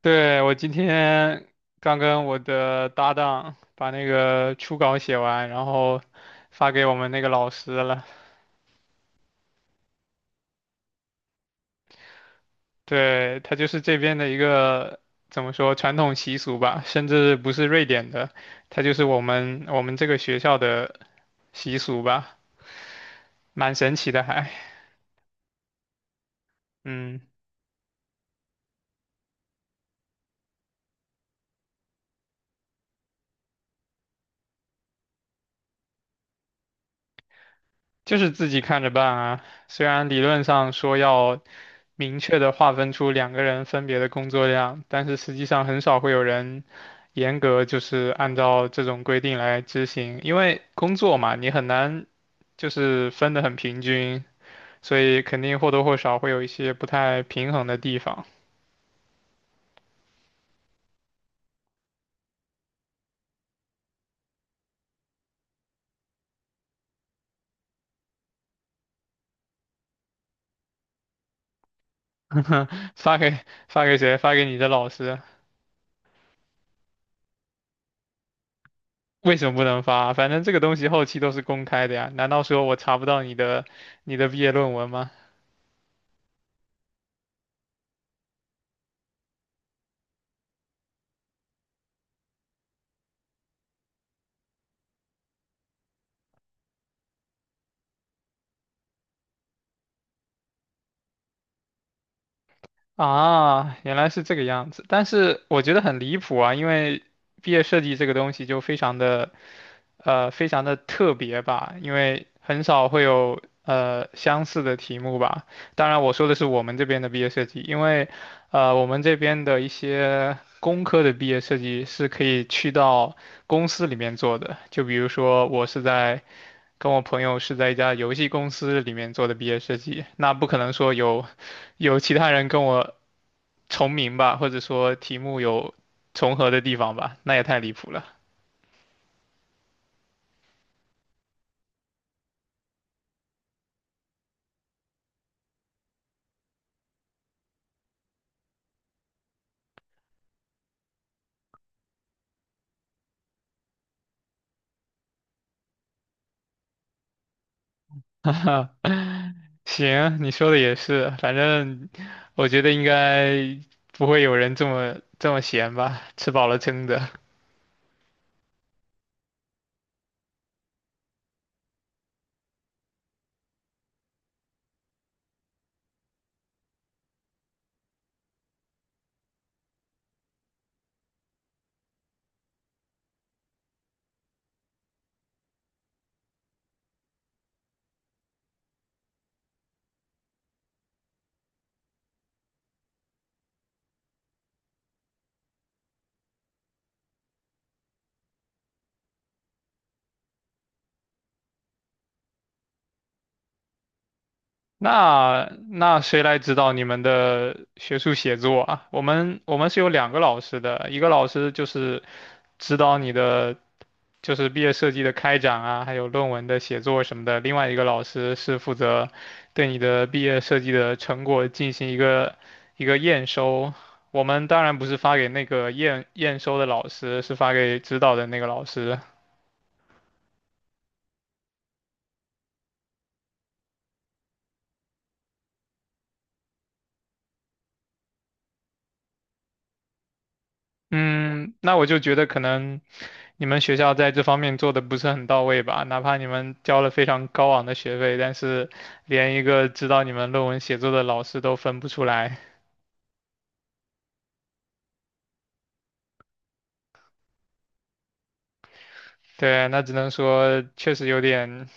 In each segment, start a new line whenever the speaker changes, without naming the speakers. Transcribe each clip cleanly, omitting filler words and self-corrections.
对，我今天刚跟我的搭档把那个初稿写完，然后发给我们那个老师了。对，他就是这边的一个怎么说传统习俗吧，甚至不是瑞典的，他就是我们这个学校的习俗吧，蛮神奇的还。嗯，就是自己看着办啊。虽然理论上说要明确的划分出两个人分别的工作量，但是实际上很少会有人严格就是按照这种规定来执行，因为工作嘛，你很难就是分得很平均，所以肯定或多或少会有一些不太平衡的地方。发给谁？发给你的老师。为什么不能发？反正这个东西后期都是公开的呀，难道说我查不到你的毕业论文吗？啊，原来是这个样子，但是我觉得很离谱啊，因为毕业设计这个东西就非常的，非常的特别吧，因为很少会有相似的题目吧。当然，我说的是我们这边的毕业设计，因为，我们这边的一些工科的毕业设计是可以去到公司里面做的，就比如说我是在。跟我朋友是在一家游戏公司里面做的毕业设计，那不可能说有其他人跟我重名吧，或者说题目有重合的地方吧，那也太离谱了。行，你说的也是，反正我觉得应该不会有人这么闲吧，吃饱了撑的。那谁来指导你们的学术写作啊？我们是有两个老师的，一个老师就是指导你的就是毕业设计的开展啊，还有论文的写作什么的。另外一个老师是负责对你的毕业设计的成果进行一个验收。我们当然不是发给那个验收的老师，是发给指导的那个老师。嗯，那我就觉得可能你们学校在这方面做的不是很到位吧，哪怕你们交了非常高昂的学费，但是连一个指导你们论文写作的老师都分不出来。对，那只能说确实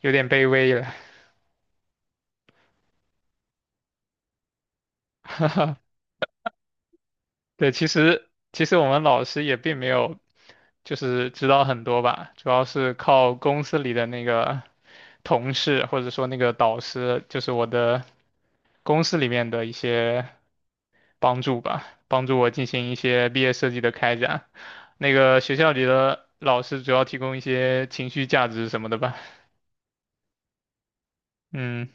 有点卑微了。对，其实我们老师也并没有就是知道很多吧，主要是靠公司里的那个同事或者说那个导师，就是我的公司里面的一些帮助吧，帮助我进行一些毕业设计的开展。那个学校里的老师主要提供一些情绪价值什么的吧，嗯。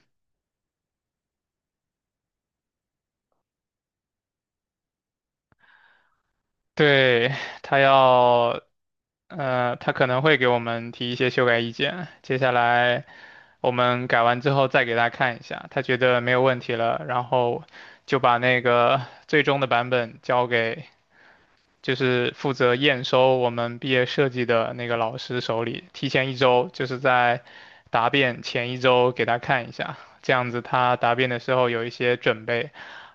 对，他要，他可能会给我们提一些修改意见，接下来我们改完之后再给他看一下，他觉得没有问题了，然后就把那个最终的版本交给。就是负责验收我们毕业设计的那个老师手里，提前一周，就是在答辩前一周给他看一下，这样子他答辩的时候有一些准备。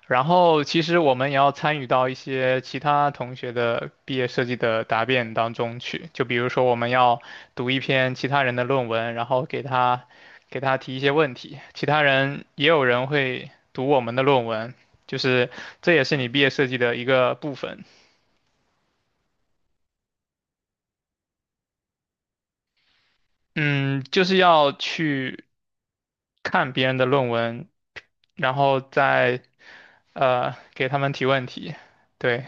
然后其实我们也要参与到一些其他同学的毕业设计的答辩当中去，就比如说我们要读一篇其他人的论文，然后给他提一些问题，其他人也有人会读我们的论文，就是这也是你毕业设计的一个部分。嗯，就是要去看别人的论文，然后再给他们提问题。对，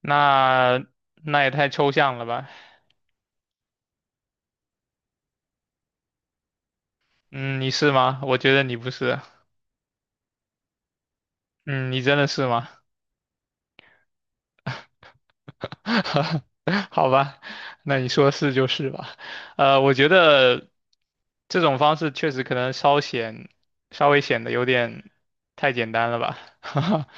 那也太抽象了吧？嗯，你是吗？我觉得你不是。嗯，你真的是吗？好吧，那你说是就是吧。我觉得这种方式确实可能稍显稍微显得有点太简单了吧。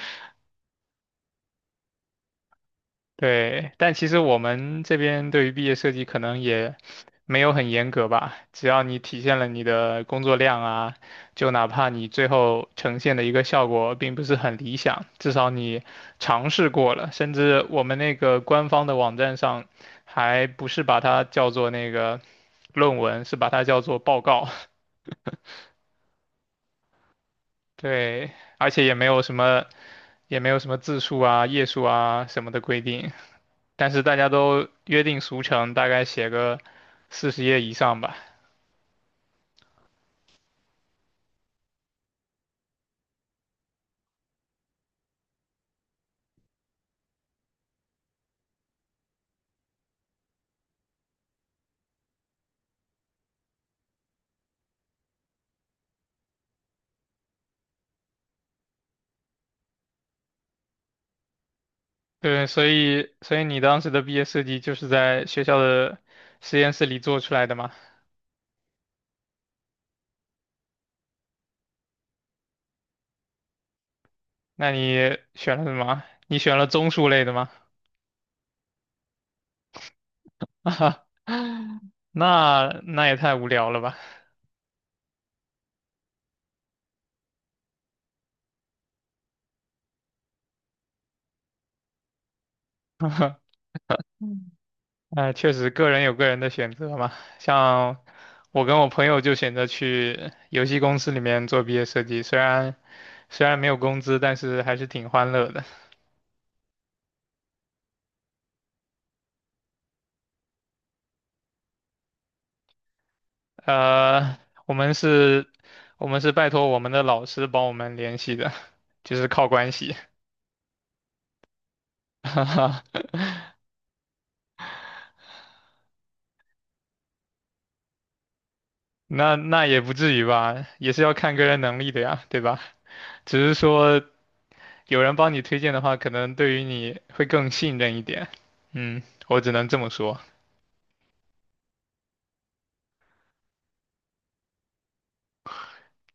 对，但其实我们这边对于毕业设计可能也没有很严格吧，只要你体现了你的工作量啊，就哪怕你最后呈现的一个效果并不是很理想，至少你尝试过了。甚至我们那个官方的网站上，还不是把它叫做那个论文，是把它叫做报告。对，而且也没有什么，也没有什么字数啊、页数啊什么的规定。但是大家都约定俗成，大概写个40页以上吧。对，所以你当时的毕业设计就是在学校的实验室里做出来的吗？那你选了什么？你选了综述类的吗？啊，那也太无聊了吧。嗯，哎，确实，个人有个人的选择嘛。像我跟我朋友就选择去游戏公司里面做毕业设计，虽然没有工资，但是还是挺欢乐的。呃，我们是，我们是拜托我们的老师帮我们联系的，就是靠关系。哈哈，那也不至于吧，也是要看个人能力的呀，对吧？只是说有人帮你推荐的话，可能对于你会更信任一点。嗯，我只能这么说。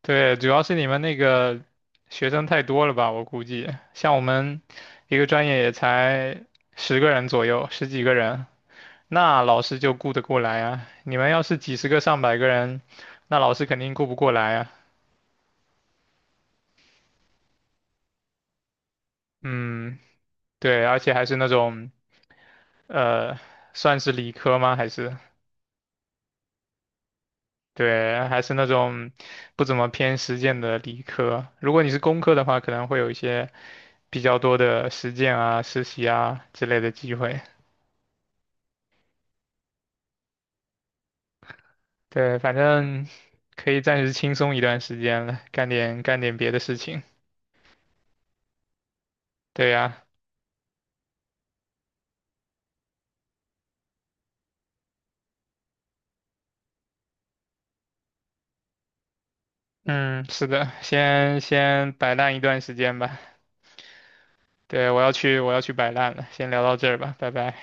对，主要是你们那个学生太多了吧，我估计，像我们一个专业也才10个人左右，10几个人。那老师就顾得过来啊。你们要是几十个、上百个人，那老师肯定顾不过来啊。嗯，对，而且还是那种，呃，算是理科吗？还是对，还是那种不怎么偏实践的理科。如果你是工科的话，可能会有一些比较多的实践啊、实习啊之类的机会。对，反正可以暂时轻松一段时间了，干点别的事情。对呀。嗯，是的，先摆烂一段时间吧。对，我要去，我要去摆烂了，先聊到这儿吧，拜拜。